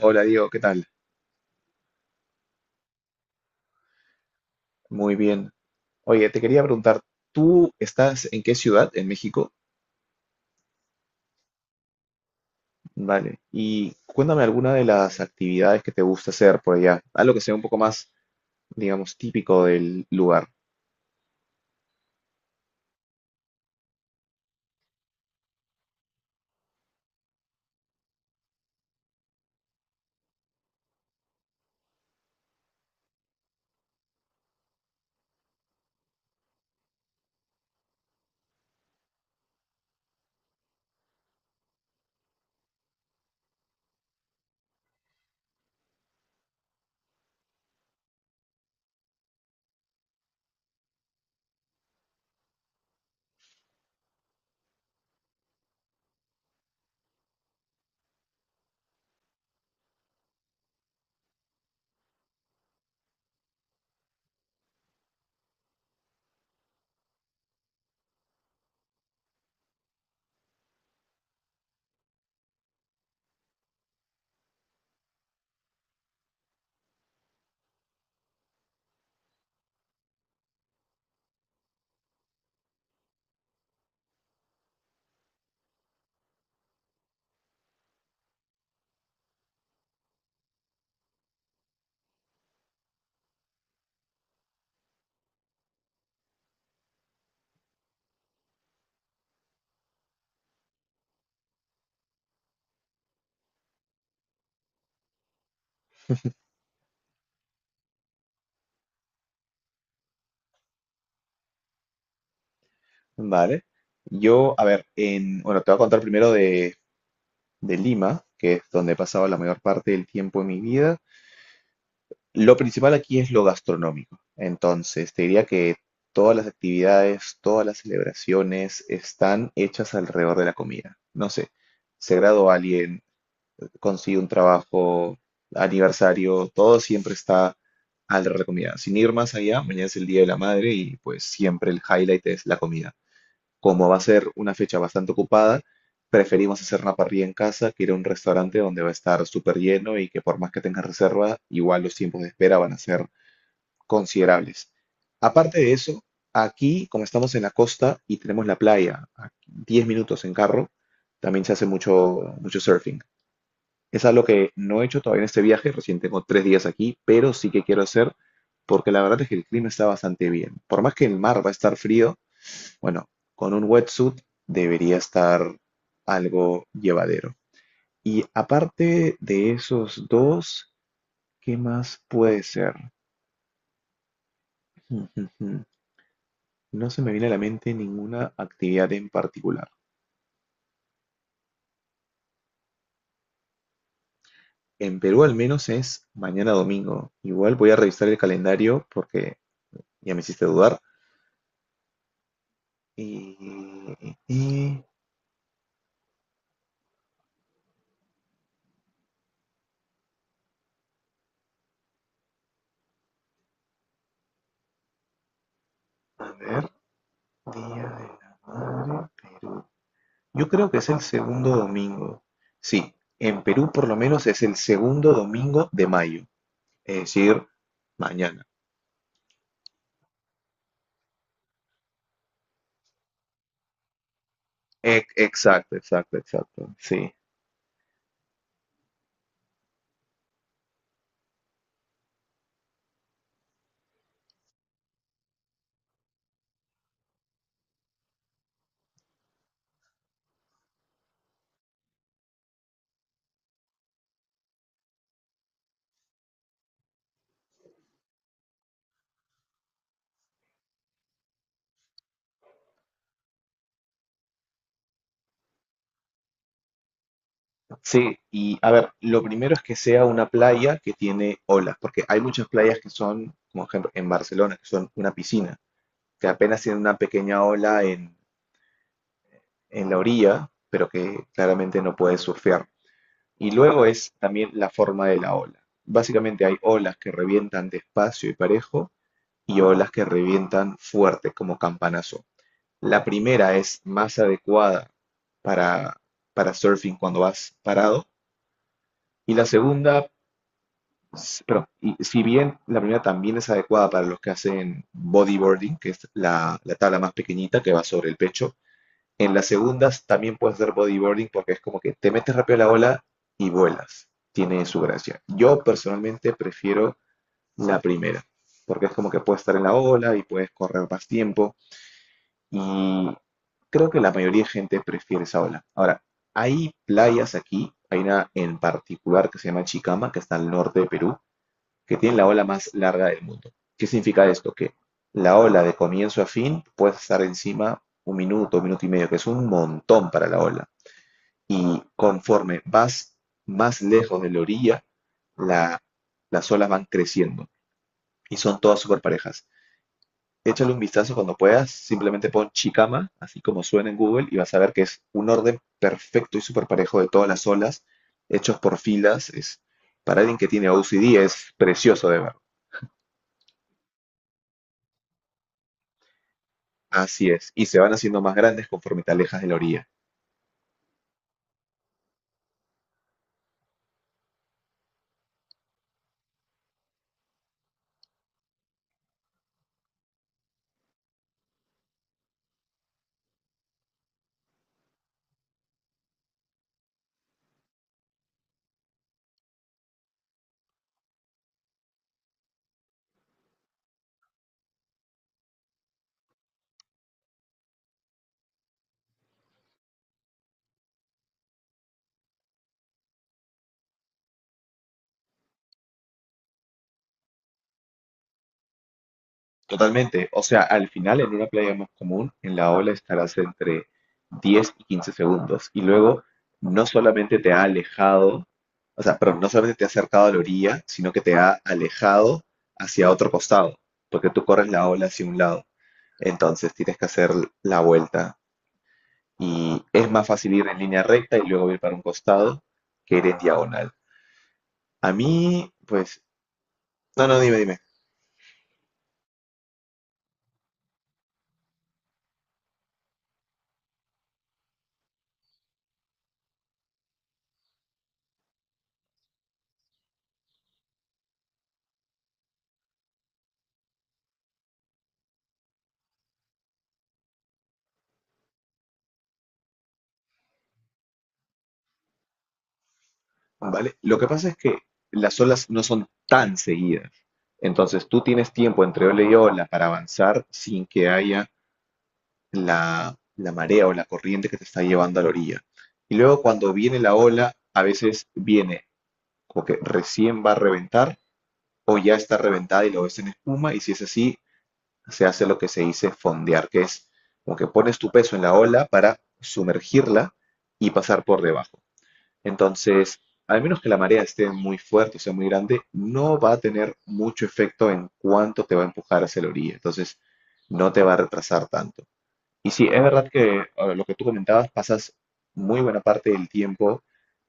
Hola Diego, ¿qué tal? Muy bien. Oye, te quería preguntar, ¿tú estás en qué ciudad? ¿En México? Vale. Y cuéntame alguna de las actividades que te gusta hacer por allá. Algo que sea un poco más, digamos, típico del lugar. Vale. Yo, a ver, te voy a contar primero de Lima, que es donde he pasado la mayor parte del tiempo de mi vida. Lo principal aquí es lo gastronómico. Entonces, te diría que todas las actividades, todas las celebraciones están hechas alrededor de la comida. No sé, se graduó alguien, consigue un trabajo, aniversario, todo siempre está alrededor de la comida. Sin ir más allá, mañana es el Día de la Madre y pues siempre el highlight es la comida. Como va a ser una fecha bastante ocupada, preferimos hacer una parrilla en casa que ir a un restaurante donde va a estar súper lleno y que por más que tengas reserva, igual los tiempos de espera van a ser considerables. Aparte de eso, aquí, como estamos en la costa y tenemos la playa a 10 minutos en carro, también se hace mucho surfing. Es algo que no he hecho todavía en este viaje, recién tengo tres días aquí, pero sí que quiero hacer porque la verdad es que el clima está bastante bien. Por más que el mar va a estar frío, bueno, con un wetsuit debería estar algo llevadero. Y aparte de esos dos, ¿qué más puede ser? No se me viene a la mente ninguna actividad en particular. En Perú al menos es mañana domingo. Igual voy a revisar el calendario porque ya me hiciste dudar. Y, y- a ver, Día de la Madre, Perú. Yo creo que es el segundo domingo. Sí, en Perú por lo menos es el segundo domingo de mayo. Es decir, mañana. E- exacto, exacto, exacto. Sí. Sí, y a ver, lo primero es que sea una playa que tiene olas, porque hay muchas playas que son, como ejemplo, en Barcelona, que son una piscina, que apenas tiene una pequeña ola en la orilla, pero que claramente no puedes surfear. Y luego es también la forma de la ola. Básicamente hay olas que revientan despacio y parejo y olas que revientan fuerte, como campanazo. La primera es más adecuada para, para surfing cuando vas parado. Y la segunda y si bien la primera también es adecuada para los que hacen bodyboarding, que es la tabla más pequeñita que va sobre el pecho, en las segundas también puedes hacer bodyboarding porque es como que te metes rápido a la ola y vuelas. Tiene su gracia. Yo personalmente prefiero la primera, porque es como que puedes estar en la ola y puedes correr más tiempo y creo que la mayoría de gente prefiere esa ola. Ahora, hay playas aquí, hay una en particular que se llama Chicama, que está al norte de Perú, que tienen la ola más larga del mundo. ¿Qué significa esto? Que la ola de comienzo a fin puede estar encima 1 minuto, 1 minuto y medio, que es un montón para la ola. Y conforme vas más lejos de la orilla, la- las olas van creciendo y son todas súper parejas. Échale un vistazo cuando puedas, simplemente pon Chicama, así como suena en Google, y vas a ver que es un orden perfecto y súper parejo de todas las olas, hechos por filas. Es, para alguien que tiene OCD es precioso de ver. Así es, y se van haciendo más grandes conforme te alejas de la orilla. Totalmente. O sea, al final, en una playa más común, en la ola estarás entre 10 y 15 segundos. Y luego, no solamente te ha alejado, o sea, perdón, no solamente te ha acercado a la orilla, sino que te ha alejado hacia otro costado, porque tú corres la ola hacia un lado. Entonces, tienes que hacer la vuelta. Y es más fácil ir en línea recta y luego ir para un costado que ir en diagonal. A mí, pues, no, no, dime, dime. ¿Vale? Lo que pasa es que las olas no son tan seguidas. Entonces tú tienes tiempo entre ola y ola para avanzar sin que haya la marea o la corriente que te está llevando a la orilla. Y luego cuando viene la ola, a veces viene como que recién va a reventar o ya está reventada y lo ves en espuma y si es así, se hace lo que se dice fondear, que es como que pones tu peso en la ola para sumergirla y pasar por debajo. Entonces, al menos que la marea esté muy fuerte o sea muy grande, no va a tener mucho efecto en cuánto te va a empujar hacia la orilla. Entonces, no te va a retrasar tanto. Y sí, es verdad que lo que tú comentabas, pasas muy buena parte del tiempo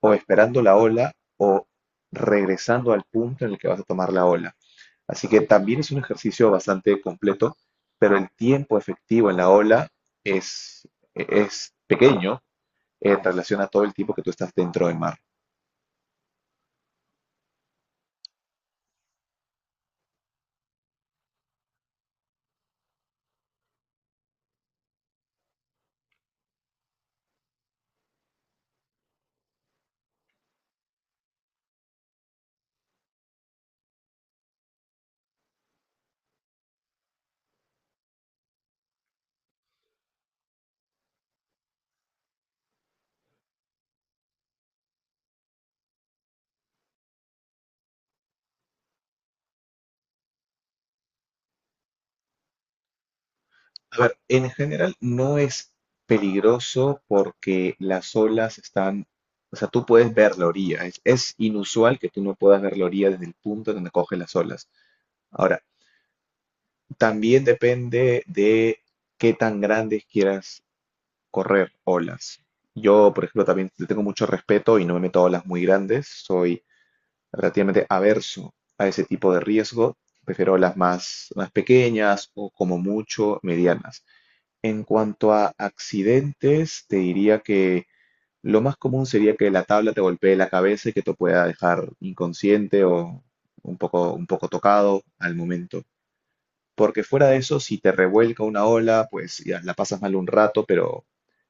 o esperando la ola o regresando al punto en el que vas a tomar la ola. Así que también es un ejercicio bastante completo, pero el tiempo efectivo en la ola es, es pequeño en relación a todo el tiempo que tú estás dentro del mar. A ver, en general no es peligroso porque las olas están, o sea, tú puedes ver la orilla. Es inusual que tú no puedas ver la orilla desde el punto donde coge las olas. Ahora, también depende de qué tan grandes quieras correr olas. Yo, por ejemplo, también le tengo mucho respeto y no me meto a olas muy grandes. Soy relativamente averso a ese tipo de riesgo. Prefiero olas más pequeñas o como mucho medianas. En cuanto a accidentes, te diría que lo más común sería que la tabla te golpee la cabeza y que te pueda dejar inconsciente o un poco tocado al momento. Porque fuera de eso, si te revuelca una ola, pues ya la pasas mal un rato, pero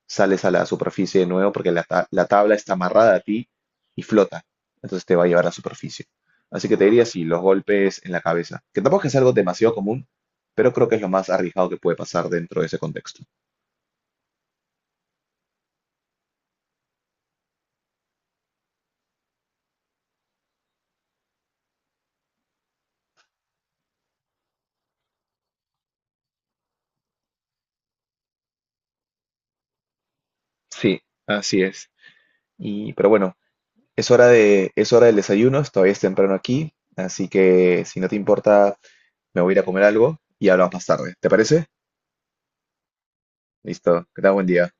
sales a la superficie de nuevo porque la tabla está amarrada a ti y flota. Entonces te va a llevar a la superficie. Así que te diría sí, los golpes en la cabeza. Que tampoco es algo demasiado común, pero creo que es lo más arriesgado que puede pasar dentro de ese contexto. Sí, así es. Y, pero bueno, es hora del desayuno, todavía es temprano aquí, así que si no te importa, me voy a ir a comer algo y hablamos más tarde. ¿Te parece? Listo, que tengas buen día.